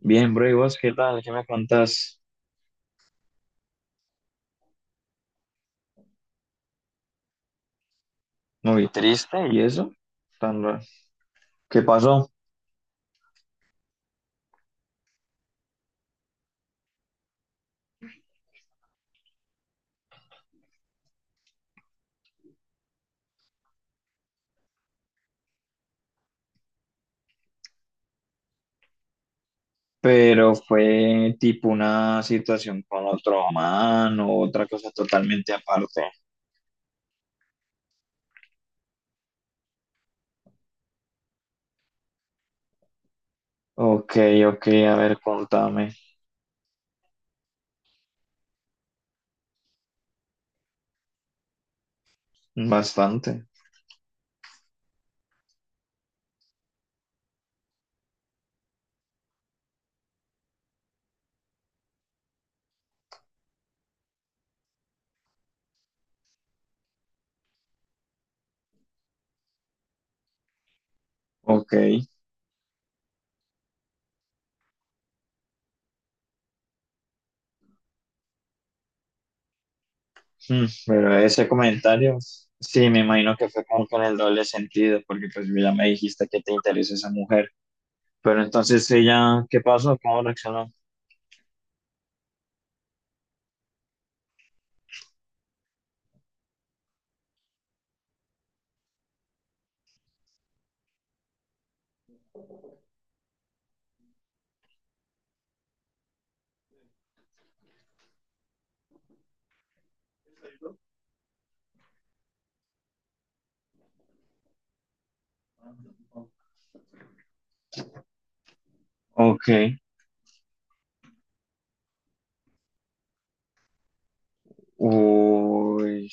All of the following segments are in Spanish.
Bien, bro, ¿y vos qué tal? ¿Qué me contás? Muy triste y eso, tan raro. ¿Qué pasó? Pero fue tipo una situación con otro man o otra cosa totalmente aparte. Ok, ok, a ver, contame. Bastante. Ok, pero ese comentario, sí, me imagino que fue como con el doble sentido, porque pues ya me dijiste que te interesa esa mujer. Pero entonces ella, ¿qué pasó? ¿Cómo reaccionó? Ok. Uy,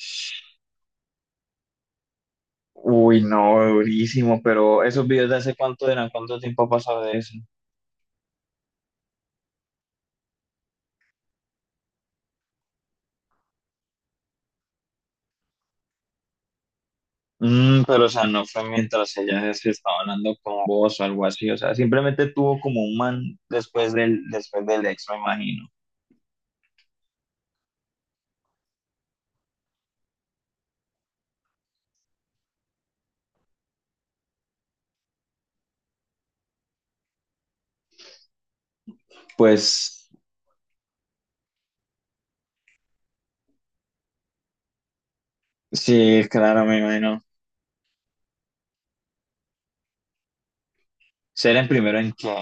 uy, no, durísimo, pero esos videos de hace cuánto eran, cuánto tiempo ha pasado de eso. Pero o sea, no fue mientras ella se estaba hablando con vos o algo así, o sea, simplemente tuvo como un man después del ex, me imagino. Pues sí, claro, me imagino. Ser en primero en qué.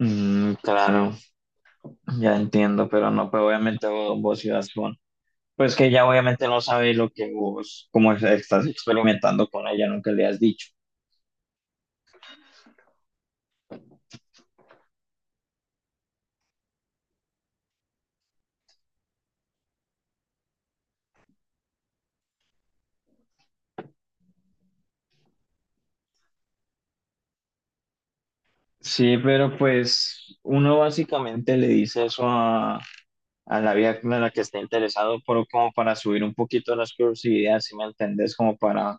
Mm, claro, ya entiendo, pero no, pues obviamente vos ibas con-. Pues que ella obviamente no sabe lo que vos, estás experimentando con ella, nunca le has dicho. Sí, pero pues uno básicamente le dice eso a la vieja en la que está interesado, pero como para subir un poquito las curiosidades, si me entendés, como para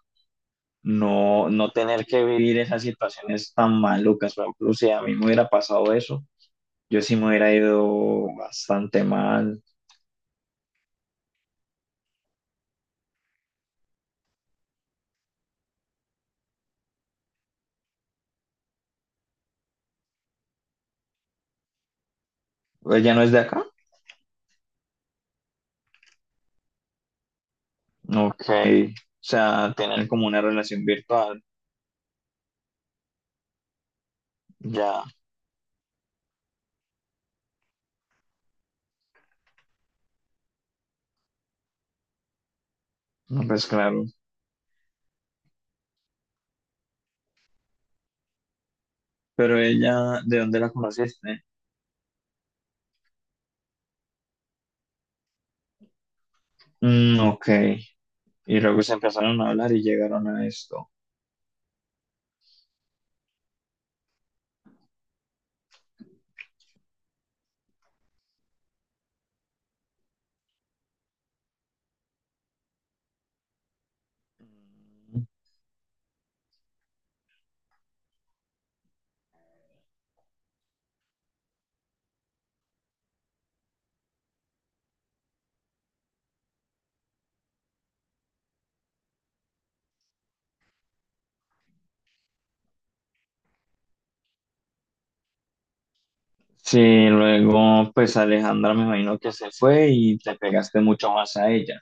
no tener que vivir esas situaciones tan malucas. Por ejemplo, si a mí me hubiera pasado eso, yo sí me hubiera ido bastante mal. ¿Ella no es de acá? Ok. O sea, tener como una relación virtual, ya, no, pues claro. Pero ella, ¿de dónde la conociste? Mm, ok. Y luego se empezaron a hablar y llegaron a esto. Sí, luego pues Alejandra me imagino que se fue y te pegaste mucho más a ella.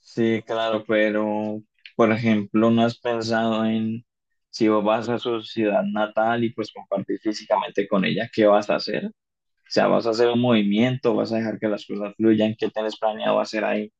Sí, claro, pero por ejemplo, ¿no has pensado en si vos vas a su ciudad natal y pues compartir físicamente con ella, qué vas a hacer? O sea, ¿vas a hacer un movimiento? ¿Vas a dejar que las cosas fluyan? ¿Qué tienes planeado hacer ahí?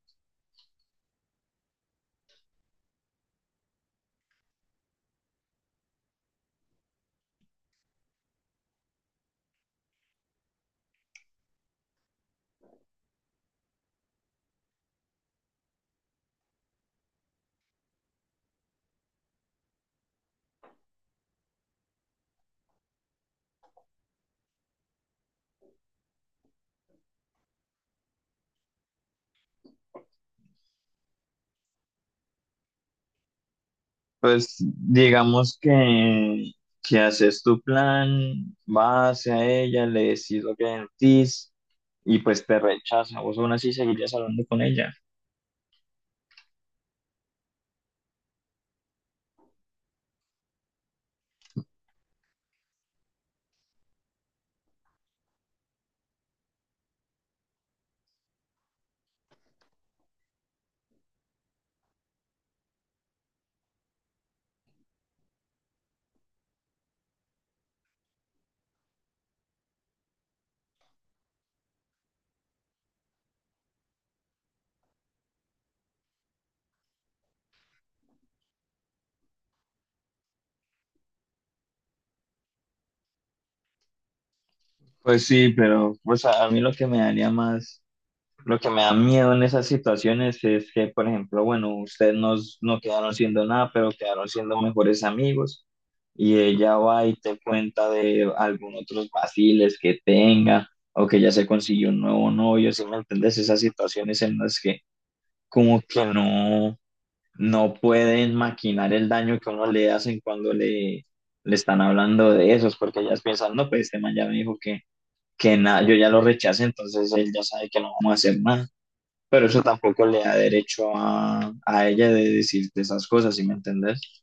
Pues digamos que haces tu plan, vas hacia ella, le decís lo que sentís y pues te rechaza. Vos aún así seguirías hablando con ella. Pues sí, pero pues a mí lo que me daría más. Lo que me da miedo en esas situaciones es que, por ejemplo, bueno, ustedes no quedaron siendo nada, pero quedaron siendo mejores amigos y ella va y te cuenta de algún otros vaciles que tenga o que ya se consiguió un nuevo novio, ¿si me entiendes? Esas situaciones en las que como que no pueden maquinar el daño que uno le hacen cuando le están hablando de esos, porque ellas piensan, no, pues este man ya me dijo que, nada, yo ya lo rechacé, entonces él ya sabe que no vamos a hacer nada. Pero eso tampoco le da derecho a ella de decirte esas cosas, ¿sí me entendés?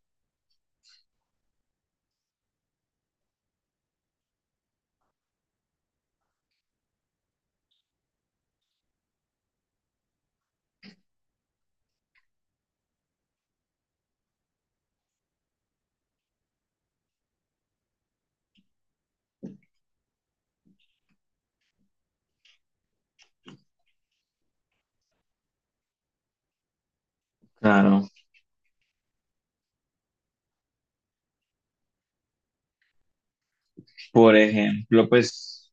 Claro. Por ejemplo, pues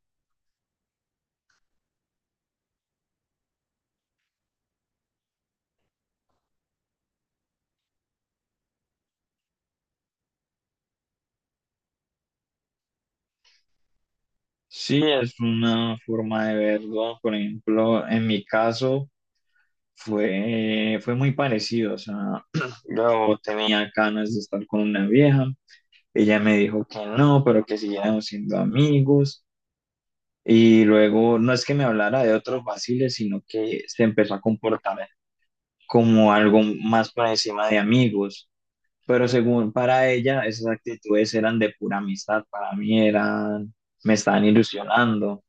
sí es una forma de verlo. Por ejemplo, en mi caso fue muy parecido. O sea, yo tenía ganas de estar con una vieja. Ella me dijo que no, pero que siguiéramos siendo amigos. Y luego, no es que me hablara de otros vaciles, sino que se empezó a comportar como algo más por encima de amigos. Pero según para ella, esas actitudes eran de pura amistad, para mí eran, me estaban ilusionando.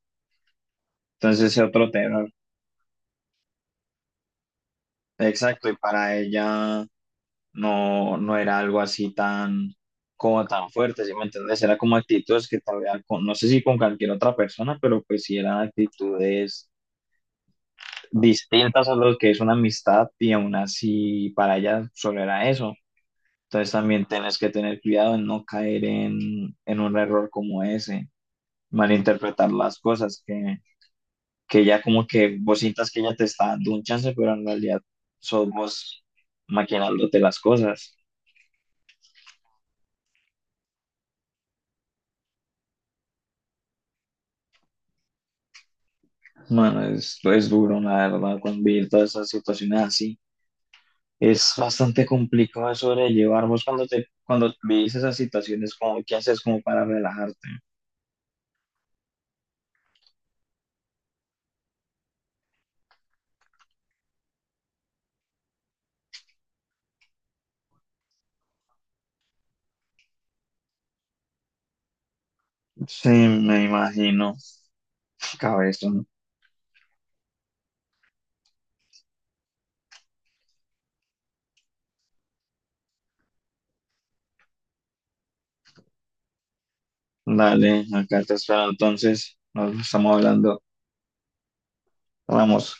Entonces ese otro terror. Exacto, y para ella no era algo así tan, como tan fuerte, ¿sí me entiendes? Era como actitudes que todavía, con, no sé si con cualquier otra persona, pero pues sí eran actitudes distintas a lo que es una amistad y aún así para ella solo era eso. Entonces también tienes que tener cuidado en no caer en un error como ese. Malinterpretar las cosas, que ya como que vos sientas que ella te está dando un chance, pero en realidad sos vos maquinándote las cosas. Mano, es duro, la verdad, convivir todas esas situaciones así. Es bastante complicado de sobrellevar. Vos cuando cuando vivís esas situaciones, como, ¿qué haces como para relajarte? Sí, me imagino. Cabezón. Dale, acá te espero. Entonces, nos estamos hablando. Vamos.